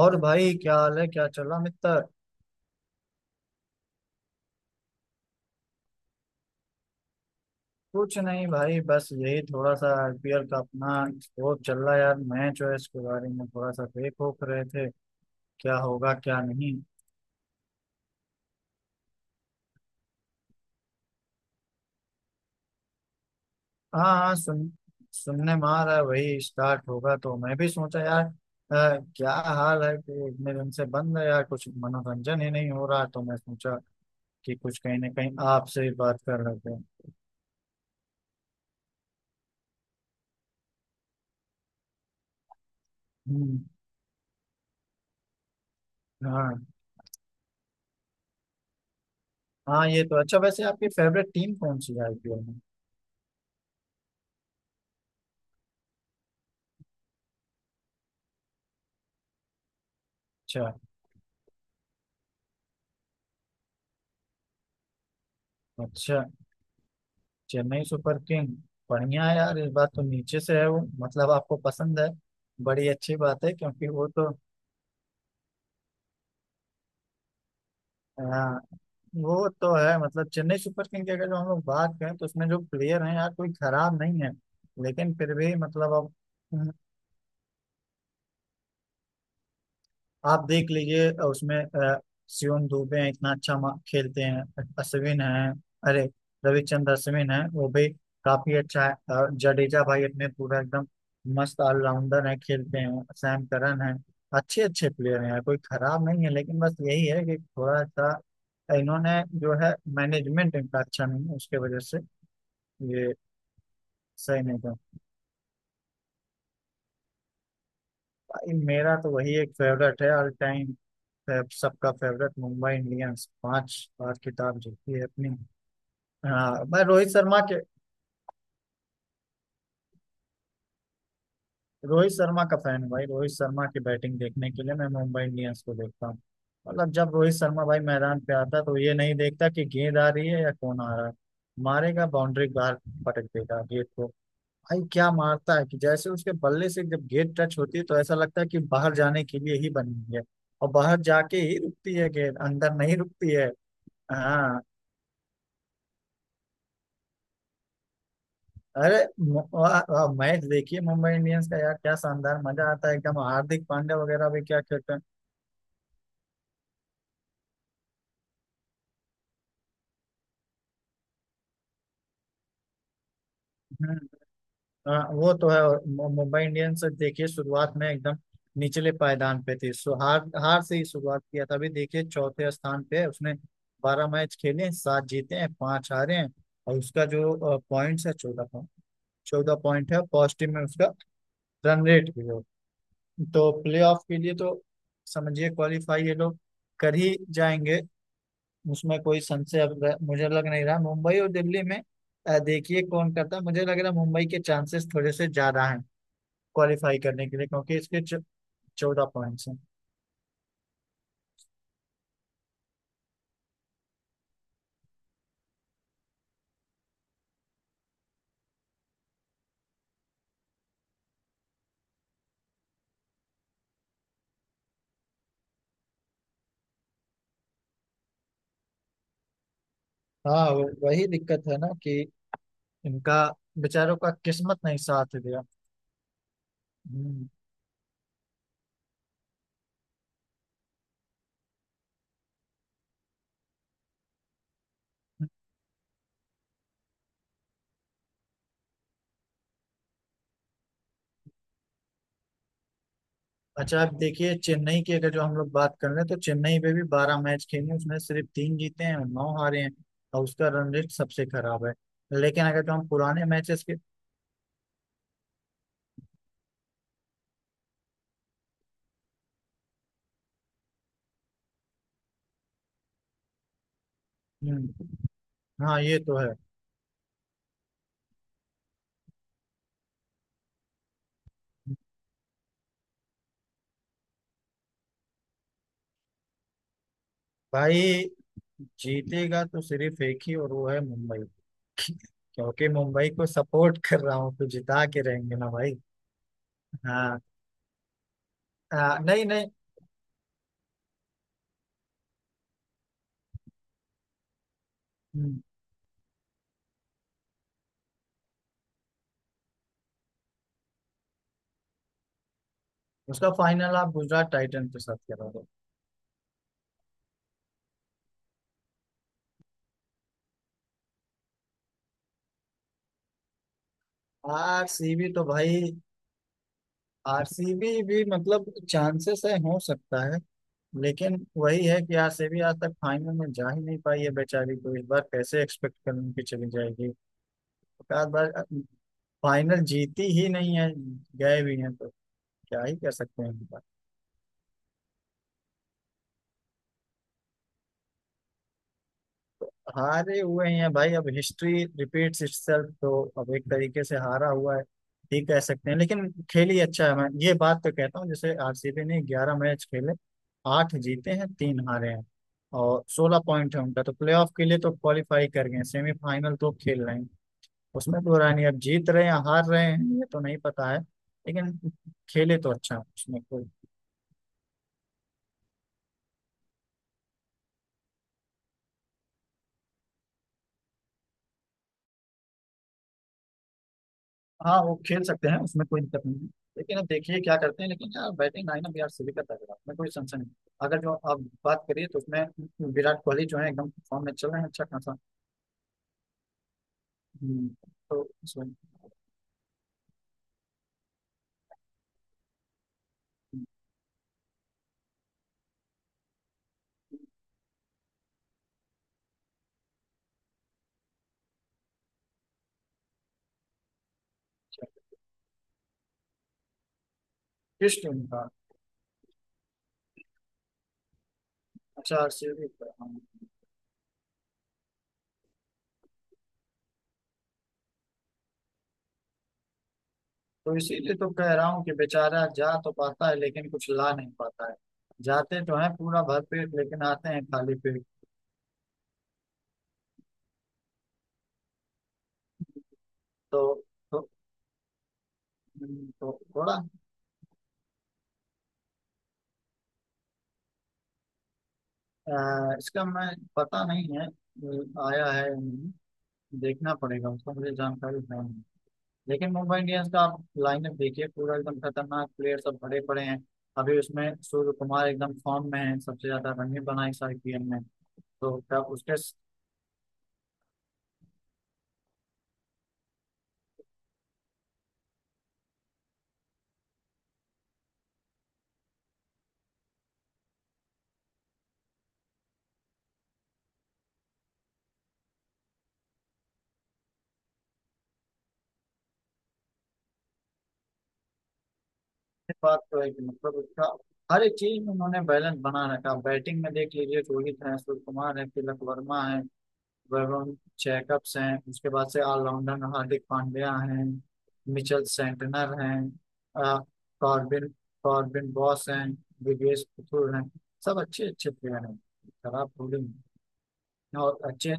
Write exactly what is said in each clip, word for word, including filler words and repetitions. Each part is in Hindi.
और भाई क्या हाल है, क्या चल रहा मित्र? कुछ नहीं भाई, बस यही थोड़ा सा आईपीएल का अपना वो चल रहा है यार। मैच है, इसके बारे में थोड़ा सा देख ओख रहे थे। क्या होगा क्या नहीं। हाँ हाँ, सुन सुनने में आ रहा है वही स्टार्ट होगा, तो मैं भी सोचा यार अ, क्या हाल है, कि इतने दिन से बंद है यार, कुछ मनोरंजन ही नहीं हो रहा, तो मैं सोचा कि कुछ कहीं ना कहीं आपसे ही बात कर लेते हैं। हम्म। हाँ हाँ, ये तो अच्छा। वैसे आपकी फेवरेट टीम कौन सी है आईपीएल में? अच्छा अच्छा। चेन्नई सुपर किंग, बढ़िया है यार। इस बार तो नीचे से है वो, मतलब आपको पसंद है, बड़ी अच्छी बात है। क्योंकि वो तो। हाँ, वो तो है। मतलब चेन्नई सुपर किंग की अगर जो हम लोग बात करें, तो उसमें जो प्लेयर हैं यार, कोई खराब नहीं है। लेकिन फिर भी मतलब, अब आप देख लीजिए, अ, उसमें अ, सियोन दुबे हैं, इतना अच्छा मा- खेलते हैं। अश्विन हैं, अरे रविचंद्र अश्विन हैं, वो भी काफी अच्छा है। अ, जडेजा भाई अपने पूरा एकदम मस्त ऑलराउंडर है, खेलते हैं। सैम करन है। अच्छे अच्छे प्लेयर हैं, कोई खराब नहीं है। लेकिन बस यही है कि थोड़ा सा इन्होंने जो है मैनेजमेंट इनका अच्छा नहीं है, उसके वजह से ये सही नहीं कर पाई। मेरा तो वही एक फेवरेट है ऑल टाइम, फेव- सबका फेवरेट, मुंबई इंडियंस। पांच बार खिताब जीती है अपनी। हाँ, मैं रोहित शर्मा के रोहित शर्मा का फैन हूँ भाई। रोहित शर्मा की बैटिंग देखने के लिए मैं मुंबई इंडियंस को देखता हूँ। मतलब जब रोहित शर्मा भाई मैदान पे आता है, तो ये नहीं देखता कि गेंद आ रही है या कौन आ रहा है। मारेगा बाउंड्री बाहर, पटक देगा गेंद को। भाई क्या मारता है, कि जैसे उसके बल्ले से जब गेंद टच होती है, तो ऐसा लगता है कि बाहर जाने के लिए ही बनी है। और बाहर जाके ही रुकती है, गेंद अंदर नहीं रुकती है। हाँ। अरे, मैच देखिए मुंबई इंडियंस का यार, क्या शानदार मजा आता है एकदम। हार्दिक पांड्या वगैरह भी क्या खेलते हैं। हम्म। हाँ, वो तो है। और मु- मुंबई इंडियंस देखिए शुरुआत में एकदम निचले पायदान पे थी, सो हार हार से ही शुरुआत किया था। अभी देखिए चौथे स्थान पे है उसने। बारह मैच खेले हैं, सात जीते हैं, पांच हारे हैं। और उसका जो पॉइंट्स है, चौदह पॉइंट चौदह पॉइंट है, पॉजिटिव में उसका रन रेट भी हो, तो प्लेऑफ के लिए तो समझिए क्वालिफाई ये लोग कर ही जाएंगे, उसमें कोई संशय अब र- मुझे लग नहीं रहा। मुंबई और दिल्ली में अ, देखिए कौन करता है। मुझे लग रहा है मुंबई के चांसेस थोड़े से ज्यादा हैं क्वालिफाई करने के लिए, क्योंकि इसके चौदह पॉइंट्स हैं। हाँ, वो- वही दिक्कत है ना, कि इनका बेचारों का किस्मत नहीं साथ दिया। हम्म। अच्छा, आप देखिए चेन्नई की अगर जो हम लोग बात कर रहे हैं, तो चेन्नई पे भी बारह मैच खेले, उसमें सिर्फ तीन जीते हैं और नौ हारे हैं, और उसका रन रेट सबसे खराब है। लेकिन अगर जो हम पुराने मैचेस के। हम्म, हाँ, ये तो है। भाई जीतेगा तो सिर्फ एक ही, और वो है मुंबई, क्योंकि मुंबई को सपोर्ट कर रहा हूँ, तो जिता के रहेंगे ना भाई। हाँ। आ, नहीं नहीं। हम्म। उसका फाइनल आप गुजरात टाइटन के साथ करोगे। आरसीबी तो भाई, आरसीबी भी मतलब चांसेस है, हो सकता है। लेकिन वही है कि आरसीबी आज तक फाइनल में जा ही नहीं पाई है बेचारी, तो इस बार कैसे एक्सपेक्ट करूँ कि चली जाएगी। हर बार फाइनल जीती ही नहीं है, गए भी हैं तो क्या ही कर सकते हैं। हारे हुए ही हैं भाई, अब हिस्ट्री रिपीट्स इटसेल्फ, तो अब एक तरीके से हारा हुआ है ठीक कह सकते हैं। लेकिन खेल ही अच्छा है, मैं ये बात तो कहता हूँ। जैसे आरसीबी ने ग्यारह मैच खेले, आठ जीते हैं, तीन हारे हैं, और सोलह पॉइंट है उनका, तो प्लेऑफ के लिए तो क्वालिफाई कर गए हैं, सेमीफाइनल तो खेल रहे हैं। उसमें तो रानी अब जीत रहे हैं या हार रहे हैं, ये तो नहीं पता है। लेकिन खेले तो अच्छा है, उसमें कोई। हाँ, वो खेल सकते हैं, उसमें कोई दिक्कत नहीं है। लेकिन अब देखिए क्या करते हैं। लेकिन यार बैटिंग लाइनअप यार सभी का तगड़ा है, उसमें कोई संशय नहीं। अगर जो आप बात करिए, तो उसमें विराट कोहली जो है एकदम फॉर्म में चल रहे हैं, अच्छा खासा। हम्म, तो इसमें। किस टीम का? अच्छा, आरसीबी का। हाँ। तो इसीलिए तो कह रहा हूँ, कि बेचारा जा तो पाता है, लेकिन कुछ ला नहीं पाता है। जाते तो है पूरा भरपेट, लेकिन आते हैं खाली पेट। तो तो, हम्म, तो थोड़ा अ, इसका मैं पता नहीं है, अ, आया है देखना पड़ेगा, उसका मुझे जानकारी नहीं है। लेकिन मुंबई इंडियंस का आप लाइनअप देखिए, पूरा एकदम खतरनाक प्लेयर सब भरे पड़े हैं। अभी उसमें सूर्य कुमार एकदम फॉर्म में है, सबसे ज्यादा रन भी बनाए इस आईपीएल में। तो क्या उसके स- बात तो है कि मतलब उसका हर एक चीज में उन्होंने बैलेंस बना रखा। बैटिंग में देख लीजिए, रोहित है, सूर्य कुमार है, तिलक वर्मा है, वरुण जैकब्स हैं। उसके बाद से ऑलराउंडर हार्दिक पांड्या हैं, मिचेल सेंटनर हैं, अ, कॉर्बिन कॉर्बिन बॉस हैं, दिवेश पुथुर हैं। सब अच्छे अच्छे प्लेयर हैं। खराब बॉलिंग है। और अच्छे।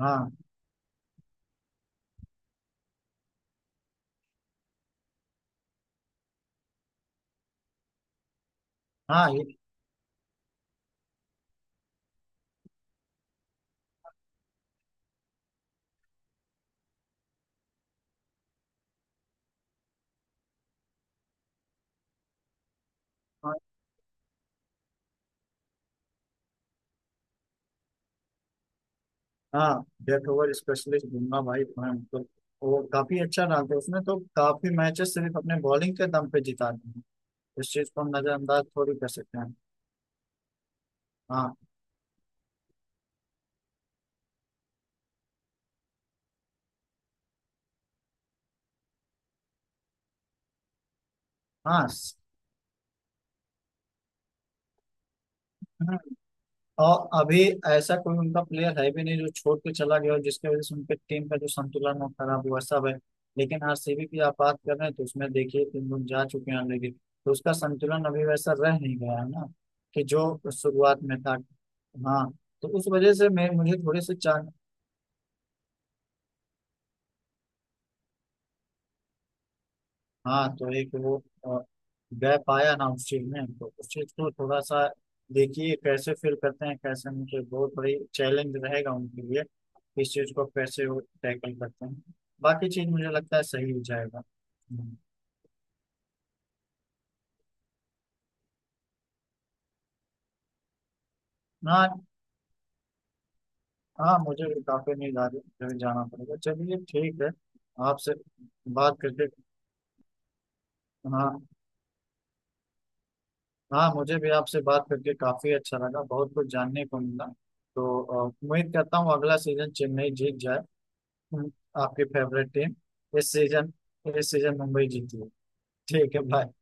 हाँ हाँ, ये, हाँ हाँ, डेथ ओवर स्पेशलिस्ट बुमराह भाई। हाँ, तो हैं उनको। वो काफी अच्छा डालते हैं, उसने तो काफी मैचेस सिर्फ अपने बॉलिंग के दम पे जिता दिए हैं। इस चीज को हम नजरअंदाज थोड़ी कर सकते हैं। हाँ हाँ। और अभी ऐसा कोई उनका प्लेयर है भी नहीं, जो छोड़ के चला गया हो, जिसकी वजह से उनके टीम का जो संतुलन वो खराब हुआ, सब है। लेकिन आरसीबी की आप बात कर रहे हैं, तो उसमें देखिए तीन लोग जा चुके हैं, लेकिन तो उसका संतुलन अभी वैसा रह नहीं गया है ना, कि जो शुरुआत में था। हाँ, तो उस वजह से मैं मुझे थोड़ी सी चा- हाँ, तो एक वो अ, गैप आया ना उस चीज में, तो उस चीज को थोड़ा सा देखिए कैसे फिल करते हैं कैसे, उनके बहुत बड़ी चैलेंज रहेगा उनके लिए। इस चीज को कैसे वो टैकल करते हैं, बाकी चीज मुझे लगता है सही हो जाएगा। हम्म। ना। हाँ, मुझे भी काफी नहीं जा रही है, मुझे जाना पड़ेगा। चलिए ठीक है। आपसे बात करके। हाँ। हाँ, मुझे भी आपसे बात करके काफी अच्छा लगा, बहुत कुछ जानने को मिला। तो अ, उम्मीद करता हूँ अगला सीजन चेन्नई जीत जाए, आपकी फेवरेट टीम। इस सीजन, इस सीजन मुंबई जीती है। ठीक है, बाय।